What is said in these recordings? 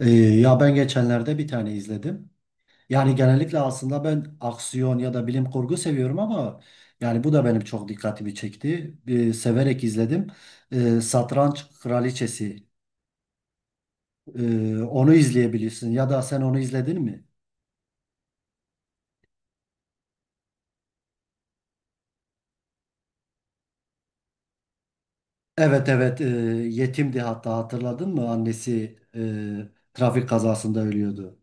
Ya ben geçenlerde bir tane izledim. Yani genellikle aslında ben aksiyon ya da bilim kurgu seviyorum ama yani bu da benim çok dikkatimi çekti. Severek izledim. Satranç Kraliçesi. Onu izleyebilirsin ya da sen onu izledin mi? Evet, evet, yetimdi, hatta hatırladın mı? Annesi trafik kazasında ölüyordu.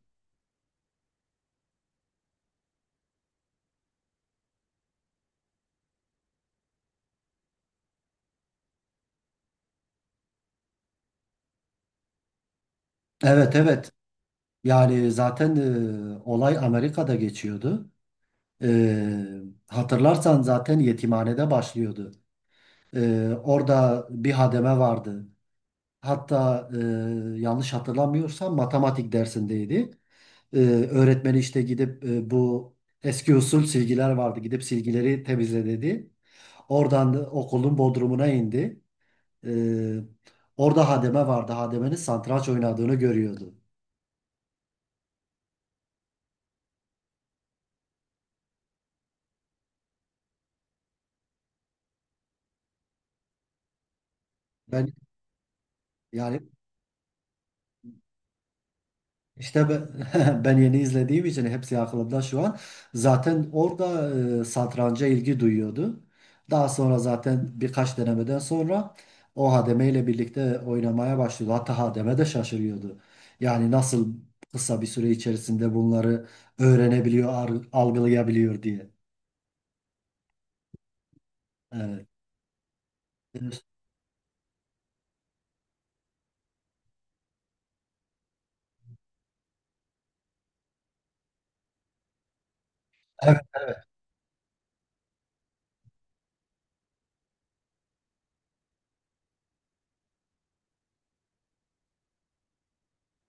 Evet, evet, yani zaten olay Amerika'da geçiyordu. E, Hatırlarsan zaten yetimhanede başlıyordu. Orada bir hademe vardı. Hatta yanlış hatırlamıyorsam matematik dersindeydi. Ee, Öğretmeni işte gidip bu eski usul silgiler vardı. Gidip silgileri temizle dedi. Oradan da okulun bodrumuna indi. Ee, Orada hademe vardı. Hademenin satranç oynadığını görüyordu. Ben yani İşte ben, ben yeni izlediğim için hepsi aklımda şu an. Zaten orada satranca ilgi duyuyordu. Daha sonra zaten birkaç denemeden sonra o hademe ile birlikte oynamaya başladı. Hatta hademe de şaşırıyordu. Yani nasıl kısa bir süre içerisinde bunları öğrenebiliyor, algılayabiliyor diye. Evet.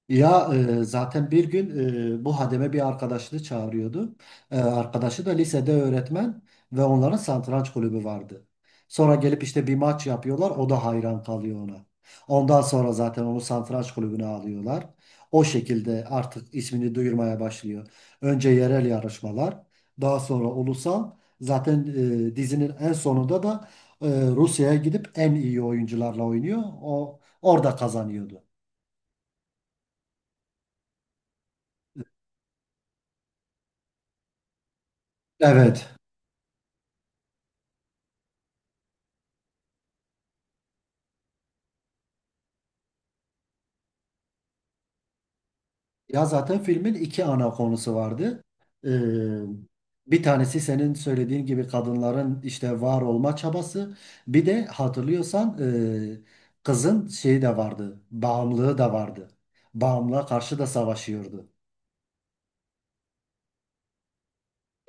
Ya zaten bir gün bu hademe bir arkadaşını çağırıyordu. Arkadaşı da lisede öğretmen ve onların satranç kulübü vardı. Sonra gelip işte bir maç yapıyorlar. O da hayran kalıyor ona. Ondan sonra zaten onu satranç kulübüne alıyorlar. O şekilde artık ismini duyurmaya başlıyor. Önce yerel yarışmalar, daha sonra ulusal. Zaten dizinin en sonunda da e, Rusya'ya gidip en iyi oyuncularla oynuyor. O orada kazanıyordu. Evet. Ya zaten filmin iki ana konusu vardı. Ee, Bir tanesi senin söylediğin gibi kadınların işte var olma çabası. Bir de hatırlıyorsan kızın şeyi de vardı. Bağımlılığı da vardı. Bağımlılığa karşı da savaşıyordu.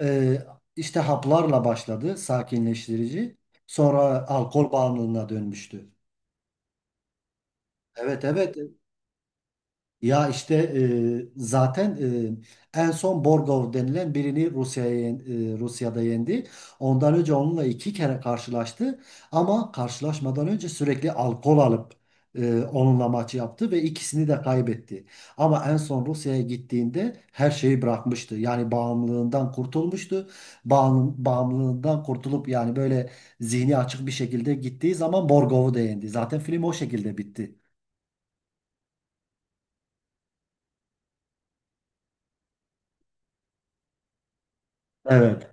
Ee, işte haplarla başladı sakinleştirici. Sonra alkol bağımlılığına dönmüştü. Evet, evet. Ya işte zaten en son Borgov denilen birini Rusya'da yendi. Ondan önce onunla iki kere karşılaştı ama karşılaşmadan önce sürekli alkol alıp onunla maç yaptı ve ikisini de kaybetti. Ama en son Rusya'ya gittiğinde her şeyi bırakmıştı. Yani bağımlılığından kurtulmuştu. Bağımlılığından kurtulup yani böyle zihni açık bir şekilde gittiği zaman Borgov'u da yendi. Zaten film o şekilde bitti. Evet,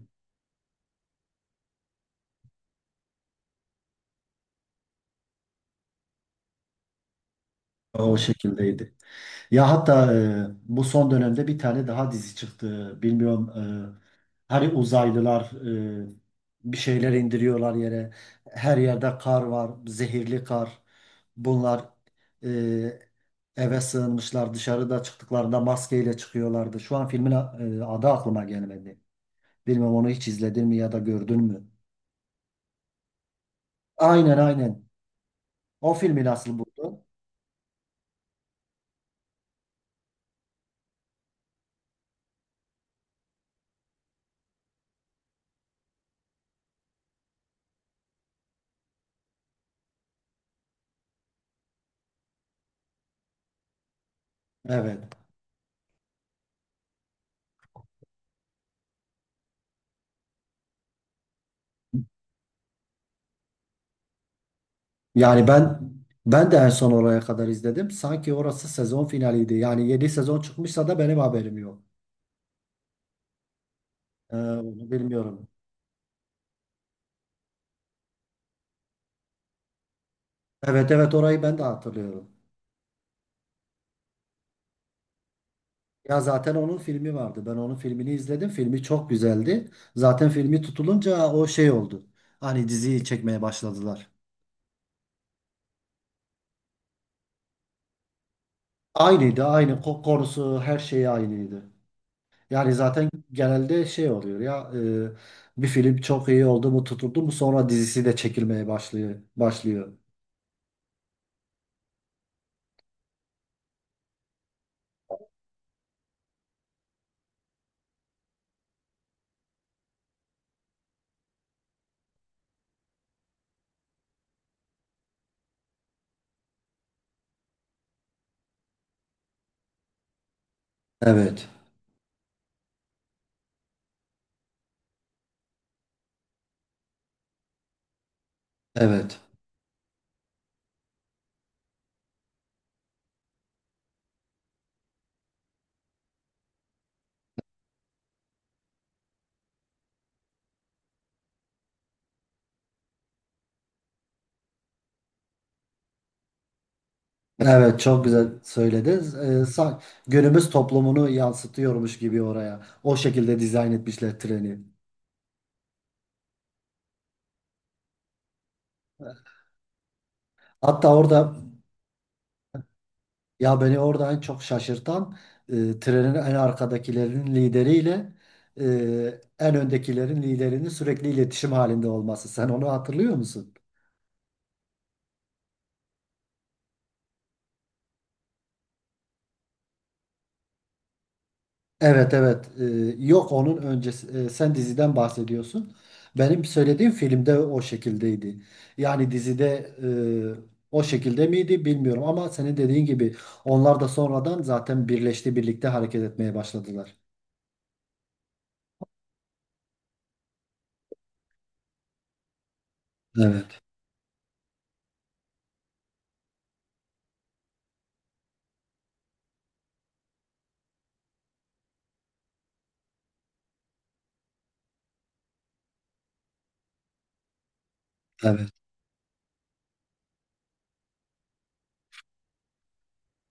o şekildeydi. Ya hatta bu son dönemde bir tane daha dizi çıktı. Bilmiyorum, hani uzaylılar e, bir şeyler indiriyorlar yere. Her yerde kar var, zehirli kar. Bunlar e, eve sığınmışlar. Dışarıda çıktıklarında maskeyle çıkıyorlardı. Şu an filmin adı aklıma gelmedi. Bilmem onu hiç izledin mi ya da gördün mü? Aynen, aynen. O filmi nasıl buldun? Evet. Yani ben Ben de en son oraya kadar izledim. Sanki orası sezon finaliydi. Yani yeni sezon çıkmışsa da benim haberim yok. Onu bilmiyorum. Evet, evet, orayı ben de hatırlıyorum. Ya zaten onun filmi vardı. Ben onun filmini izledim. Filmi çok güzeldi. Zaten filmi tutulunca o şey oldu. Hani diziyi çekmeye başladılar. Aynıydı, aynı konusu, her şeyi aynıydı. Yani zaten genelde şey oluyor ya, bir film çok iyi oldu mu tutuldu mu sonra dizisi de çekilmeye başlıyor. Evet. Evet. Evet, çok güzel söylediniz. Günümüz toplumunu yansıtıyormuş gibi oraya. O şekilde dizayn etmişler treni. Hatta orada, ya beni orada en çok şaşırtan trenin en arkadakilerin lideriyle e, en öndekilerin liderinin sürekli iletişim halinde olması. Sen onu hatırlıyor musun? Evet, evet. Yok, onun öncesi, sen diziden bahsediyorsun. Benim söylediğim filmde o şekildeydi. Yani dizide o şekilde miydi bilmiyorum ama senin dediğin gibi onlar da sonradan zaten birleşti, birlikte hareket etmeye başladılar. Evet, evet.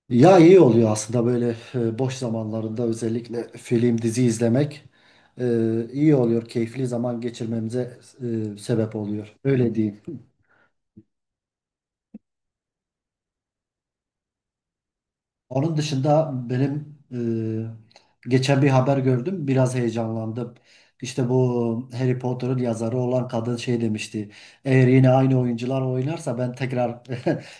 Ya iyi oluyor aslında böyle, boş zamanlarında özellikle film dizi izlemek iyi oluyor. Keyifli zaman geçirmemize sebep oluyor. Öyle diyeyim. Onun dışında benim geçen bir haber gördüm. Biraz heyecanlandım. İşte bu Harry Potter'ın yazarı olan kadın şey demişti. Eğer yine aynı oyuncular oynarsa ben tekrar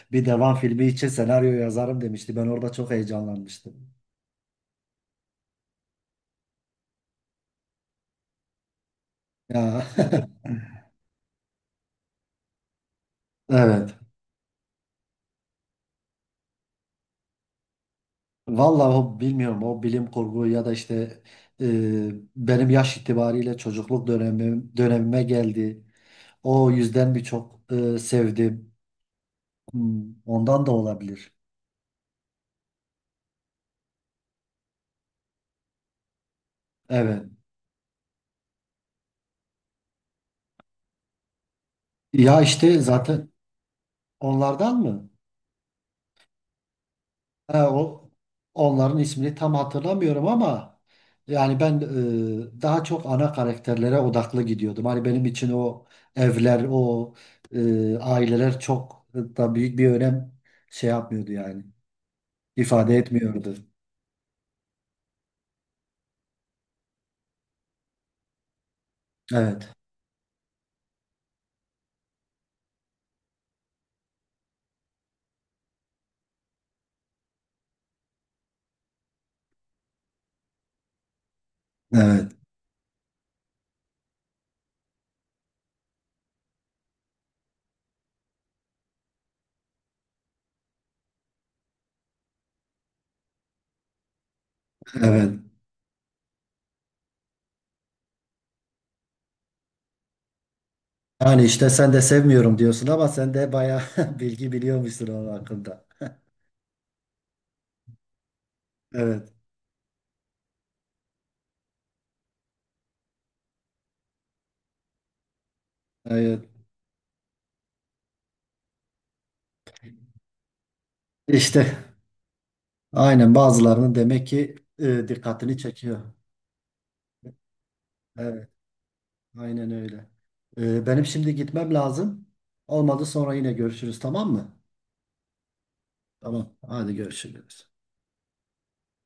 bir devam filmi için senaryo yazarım demişti. Ben orada çok heyecanlanmıştım. Ya evet. Vallahi, o bilmiyorum, o bilim kurgu ya da işte e, benim yaş itibariyle dönemime geldi. O yüzden birçok sevdim. Hmm, ondan da olabilir. Evet. Ya işte zaten onlardan mı? Ha, o, onların ismini tam hatırlamıyorum ama yani ben daha çok ana karakterlere odaklı gidiyordum. Hani benim için o evler, o aileler çok da büyük bir önem şey yapmıyordu yani. İfade etmiyordu. Evet. Evet. Evet. Yani işte sen de sevmiyorum diyorsun ama sen de bayağı bilgi biliyormuşsun onun hakkında. Evet. Evet. İşte aynen, bazılarının demek ki dikkatini çekiyor. Evet, aynen öyle. Benim şimdi gitmem lazım. Olmadı sonra yine görüşürüz, tamam mı? Tamam, hadi görüşürüz.